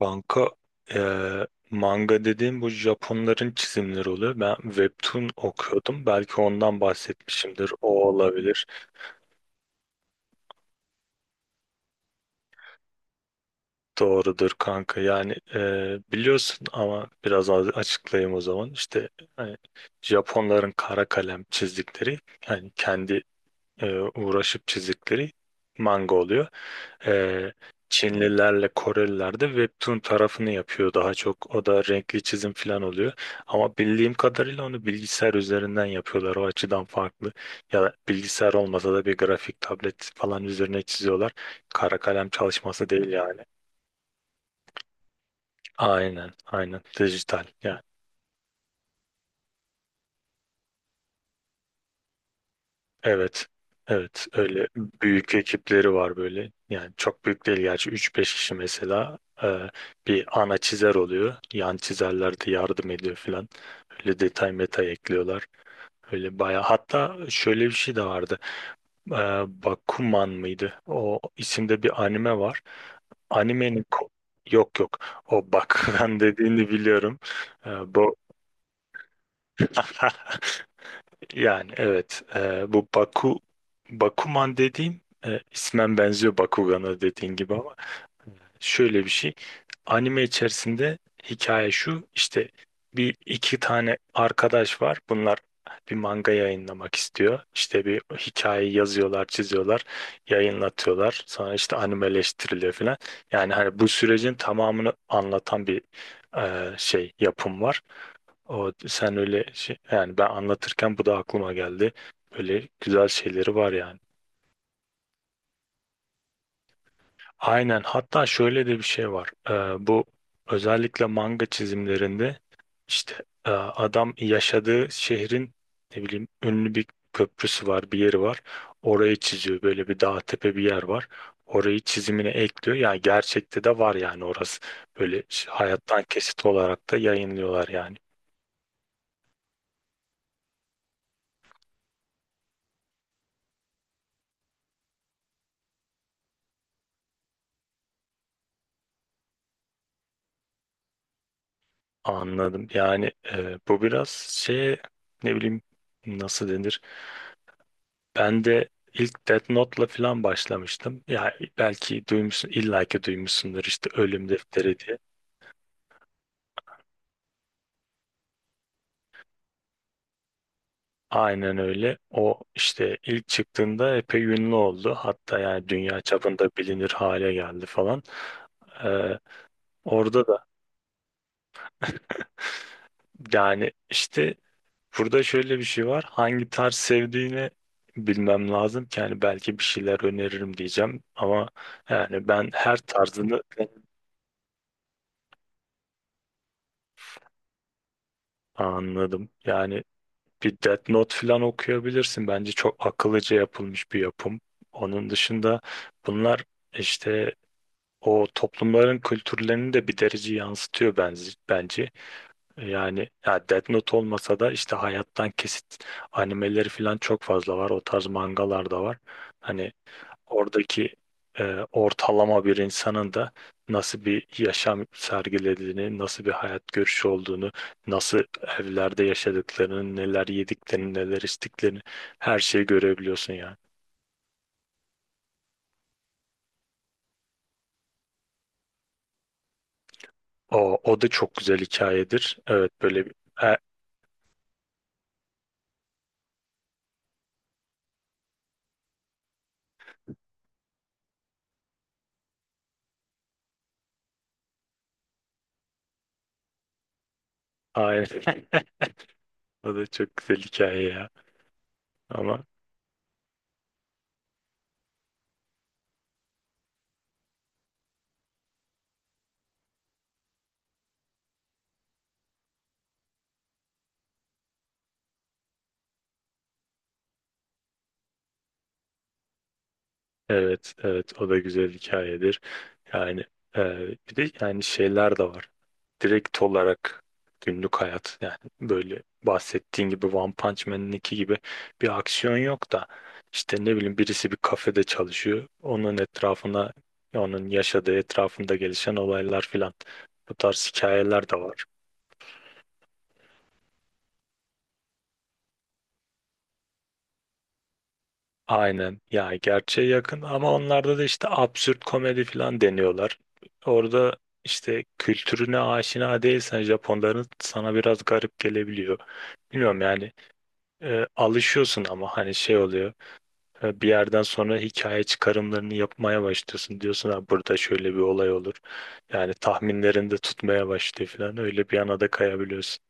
Banka manga dediğim bu Japonların çizimleri oluyor. Ben webtoon okuyordum. Belki ondan bahsetmişimdir. O olabilir. Doğrudur kanka. Yani biliyorsun ama biraz az açıklayayım o zaman. İşte hani Japonların kara kalem çizdikleri yani kendi uğraşıp çizdikleri manga oluyor. e, Çinlilerle Koreliler de webtoon tarafını yapıyor daha çok. O da renkli çizim falan oluyor. Ama bildiğim kadarıyla onu bilgisayar üzerinden yapıyorlar. O açıdan farklı. Ya da bilgisayar olmasa da bir grafik tablet falan üzerine çiziyorlar. Kara kalem çalışması değil yani. Aynen, aynen. Dijital yani. Evet. Evet. Öyle büyük ekipleri var böyle. Yani çok büyük değil gerçi üç beş kişi mesela bir ana çizer oluyor. Yan çizerler de yardım ediyor filan. Öyle detay meta ekliyorlar. Öyle bayağı. Hatta şöyle bir şey de vardı. E, Bakuman mıydı? O isimde bir anime var. Animenin ko- Yok yok. O bak dediğini biliyorum. Bu Yani evet, bu Bakuman dediğin, ismen benziyor Bakugan'a dediğin gibi ama şöyle bir şey, anime içerisinde hikaye şu işte: bir iki tane arkadaş var, bunlar bir manga yayınlamak istiyor, işte bir hikaye yazıyorlar, çiziyorlar, yayınlatıyorlar, sonra işte animeleştiriliyor falan. Yani hani bu sürecin tamamını anlatan bir şey yapım var. O sen öyle şey, yani ben anlatırken bu da aklıma geldi. Böyle güzel şeyleri var yani. Aynen. Hatta şöyle de bir şey var. Bu özellikle manga çizimlerinde işte adam yaşadığı şehrin ne bileyim ünlü bir köprüsü var, bir yeri var. Orayı çiziyor. Böyle bir dağ tepe bir yer var. Orayı çizimine ekliyor. Yani gerçekte de var yani orası. Böyle hayattan kesit olarak da yayınlıyorlar yani. Anladım. Yani bu biraz şey, ne bileyim, nasıl denir? Ben de ilk Death Note'la falan başlamıştım. Ya belki duymuşsun, illaki duymuşsundur işte Ölüm Defteri diye. Aynen öyle. O işte ilk çıktığında epey ünlü oldu. Hatta yani dünya çapında bilinir hale geldi falan. E, orada da yani işte burada şöyle bir şey var. Hangi tarz sevdiğini bilmem lazım ki, yani belki bir şeyler öneririm diyeceğim ama yani ben her tarzını anladım. Yani bir Death Note falan okuyabilirsin. Bence çok akıllıca yapılmış bir yapım. Onun dışında bunlar işte o toplumların kültürlerini de bir derece yansıtıyor bence. Yani ya Death Note olmasa da işte hayattan kesit animeleri falan çok fazla var. O tarz mangalar da var. Hani oradaki e, ortalama bir insanın da nasıl bir yaşam sergilediğini, nasıl bir hayat görüşü olduğunu, nasıl evlerde yaşadıklarını, neler yediklerini, neler içtiklerini, her şeyi görebiliyorsun yani. O da çok güzel hikayedir. Evet böyle bir... E, aynen. O da çok güzel hikaye ya. Ama evet, evet o da güzel hikayedir. Yani bir de yani şeyler de var. Direkt olarak günlük hayat, yani böyle bahsettiğin gibi One Punch Man'inki gibi bir aksiyon yok da işte ne bileyim birisi bir kafede çalışıyor. Onun etrafına, onun yaşadığı etrafında gelişen olaylar filan, bu tarz hikayeler de var. Aynen ya, gerçeğe yakın ama onlarda da işte absürt komedi falan deniyorlar. Orada işte kültürüne aşina değilsen Japonların sana biraz garip gelebiliyor. Bilmiyorum yani, alışıyorsun ama hani şey oluyor, bir yerden sonra hikaye çıkarımlarını yapmaya başlıyorsun. Diyorsun ha burada şöyle bir olay olur. Yani tahminlerinde tutmaya başlıyor falan, öyle bir yana da kayabiliyorsun.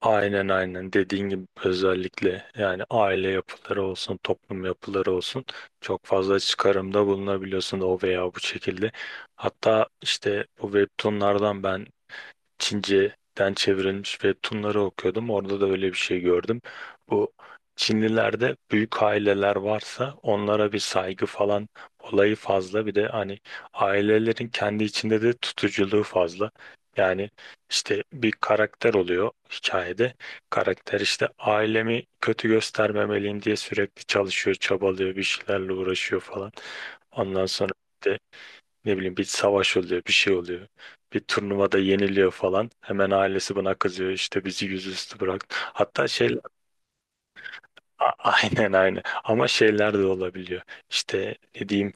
Aynen, aynen dediğin gibi, özellikle yani aile yapıları olsun toplum yapıları olsun çok fazla çıkarımda bulunabiliyorsun o veya bu şekilde. Hatta işte bu webtoonlardan ben Çince'den çevrilmiş ve Tunları okuyordum. Orada da öyle bir şey gördüm. Bu Çinlilerde büyük aileler varsa onlara bir saygı falan olayı fazla. Bir de hani ailelerin kendi içinde de tutuculuğu fazla. Yani işte bir karakter oluyor hikayede. Karakter işte ailemi kötü göstermemeliyim diye sürekli çalışıyor, çabalıyor, bir şeylerle uğraşıyor falan. Ondan sonra işte ne bileyim bir savaş oluyor, bir şey oluyor. Bir turnuvada yeniliyor falan. Hemen ailesi buna kızıyor. İşte bizi yüzüstü bıraktı. Hatta şey. A- aynen, aynen. Ama şeyler de olabiliyor. İşte ne diyeyim,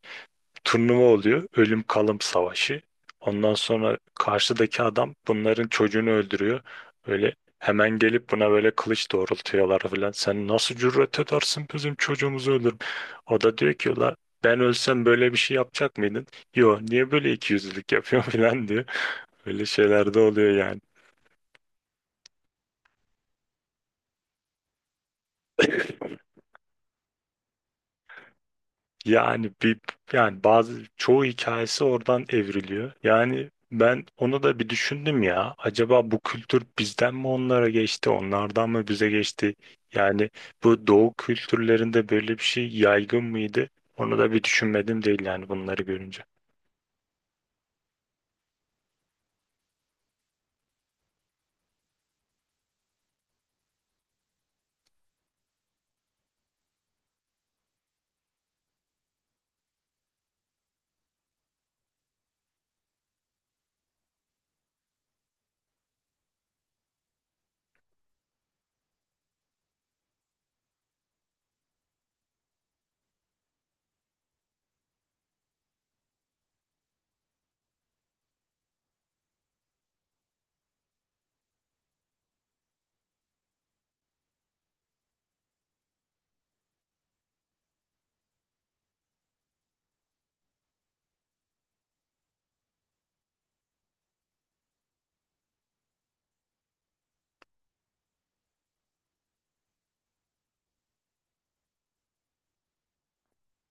turnuva oluyor. Ölüm kalım savaşı. Ondan sonra karşıdaki adam bunların çocuğunu öldürüyor. Öyle hemen gelip buna böyle kılıç doğrultuyorlar falan. Sen nasıl cüret edersin bizim çocuğumuzu öldürüm. O da diyor ki la ben ölsem böyle bir şey yapacak mıydın? Yo niye böyle ikiyüzlülük yapıyorsun falan diyor. Böyle şeyler de oluyor yani. Yani bir, yani bazı çoğu hikayesi oradan evriliyor. Yani ben onu da bir düşündüm ya. Acaba bu kültür bizden mi onlara geçti, onlardan mı bize geçti? Yani bu doğu kültürlerinde böyle bir şey yaygın mıydı? Onu da bir düşünmedim değil yani bunları görünce.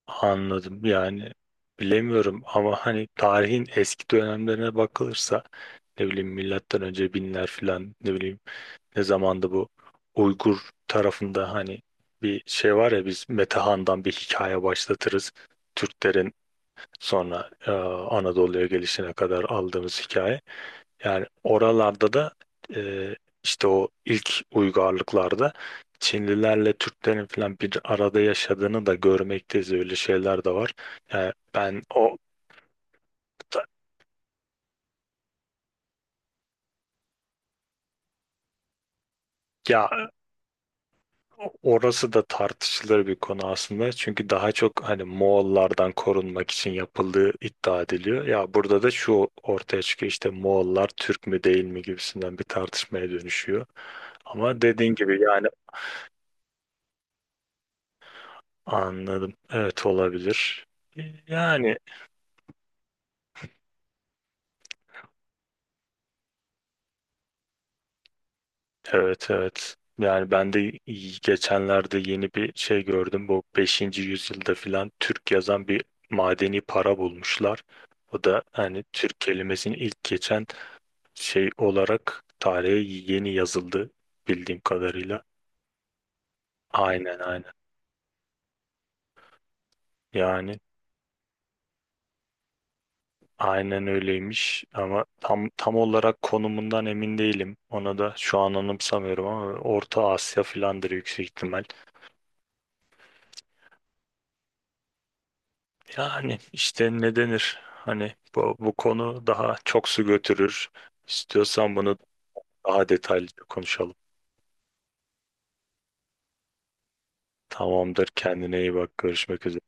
Anladım yani, bilemiyorum ama hani tarihin eski dönemlerine bakılırsa ne bileyim milattan önce binler falan, ne bileyim ne zamanda bu Uygur tarafında hani bir şey var ya, biz Metehan'dan bir hikaye başlatırız. Türklerin sonra Anadolu'ya gelişine kadar aldığımız hikaye. Yani oralarda da e, işte o ilk uygarlıklarda Çinlilerle Türklerin falan bir arada yaşadığını da görmekteyiz. Öyle şeyler de var. Yani ben o ya, orası da tartışılır bir konu aslında. Çünkü daha çok hani Moğollardan korunmak için yapıldığı iddia ediliyor. Ya burada da şu ortaya çıkıyor: işte Moğollar Türk mü değil mi gibisinden bir tartışmaya dönüşüyor. Ama dediğin gibi yani, anladım. Evet, olabilir. Yani evet, evet. Yani ben de geçenlerde yeni bir şey gördüm. Bu 5. yüzyılda filan Türk yazan bir madeni para bulmuşlar. O da hani Türk kelimesini ilk geçen şey olarak tarihe yeni yazıldı bildiğim kadarıyla. Aynen, aynen. Yani aynen öyleymiş ama tam olarak konumundan emin değilim. Ona da şu an anımsamıyorum ama Orta Asya filandır, yüksek ihtimal. Yani işte ne denir? Hani bu konu daha çok su götürür. İstiyorsan bunu daha detaylıca konuşalım. Tamamdır. Kendine iyi bak. Görüşmek üzere.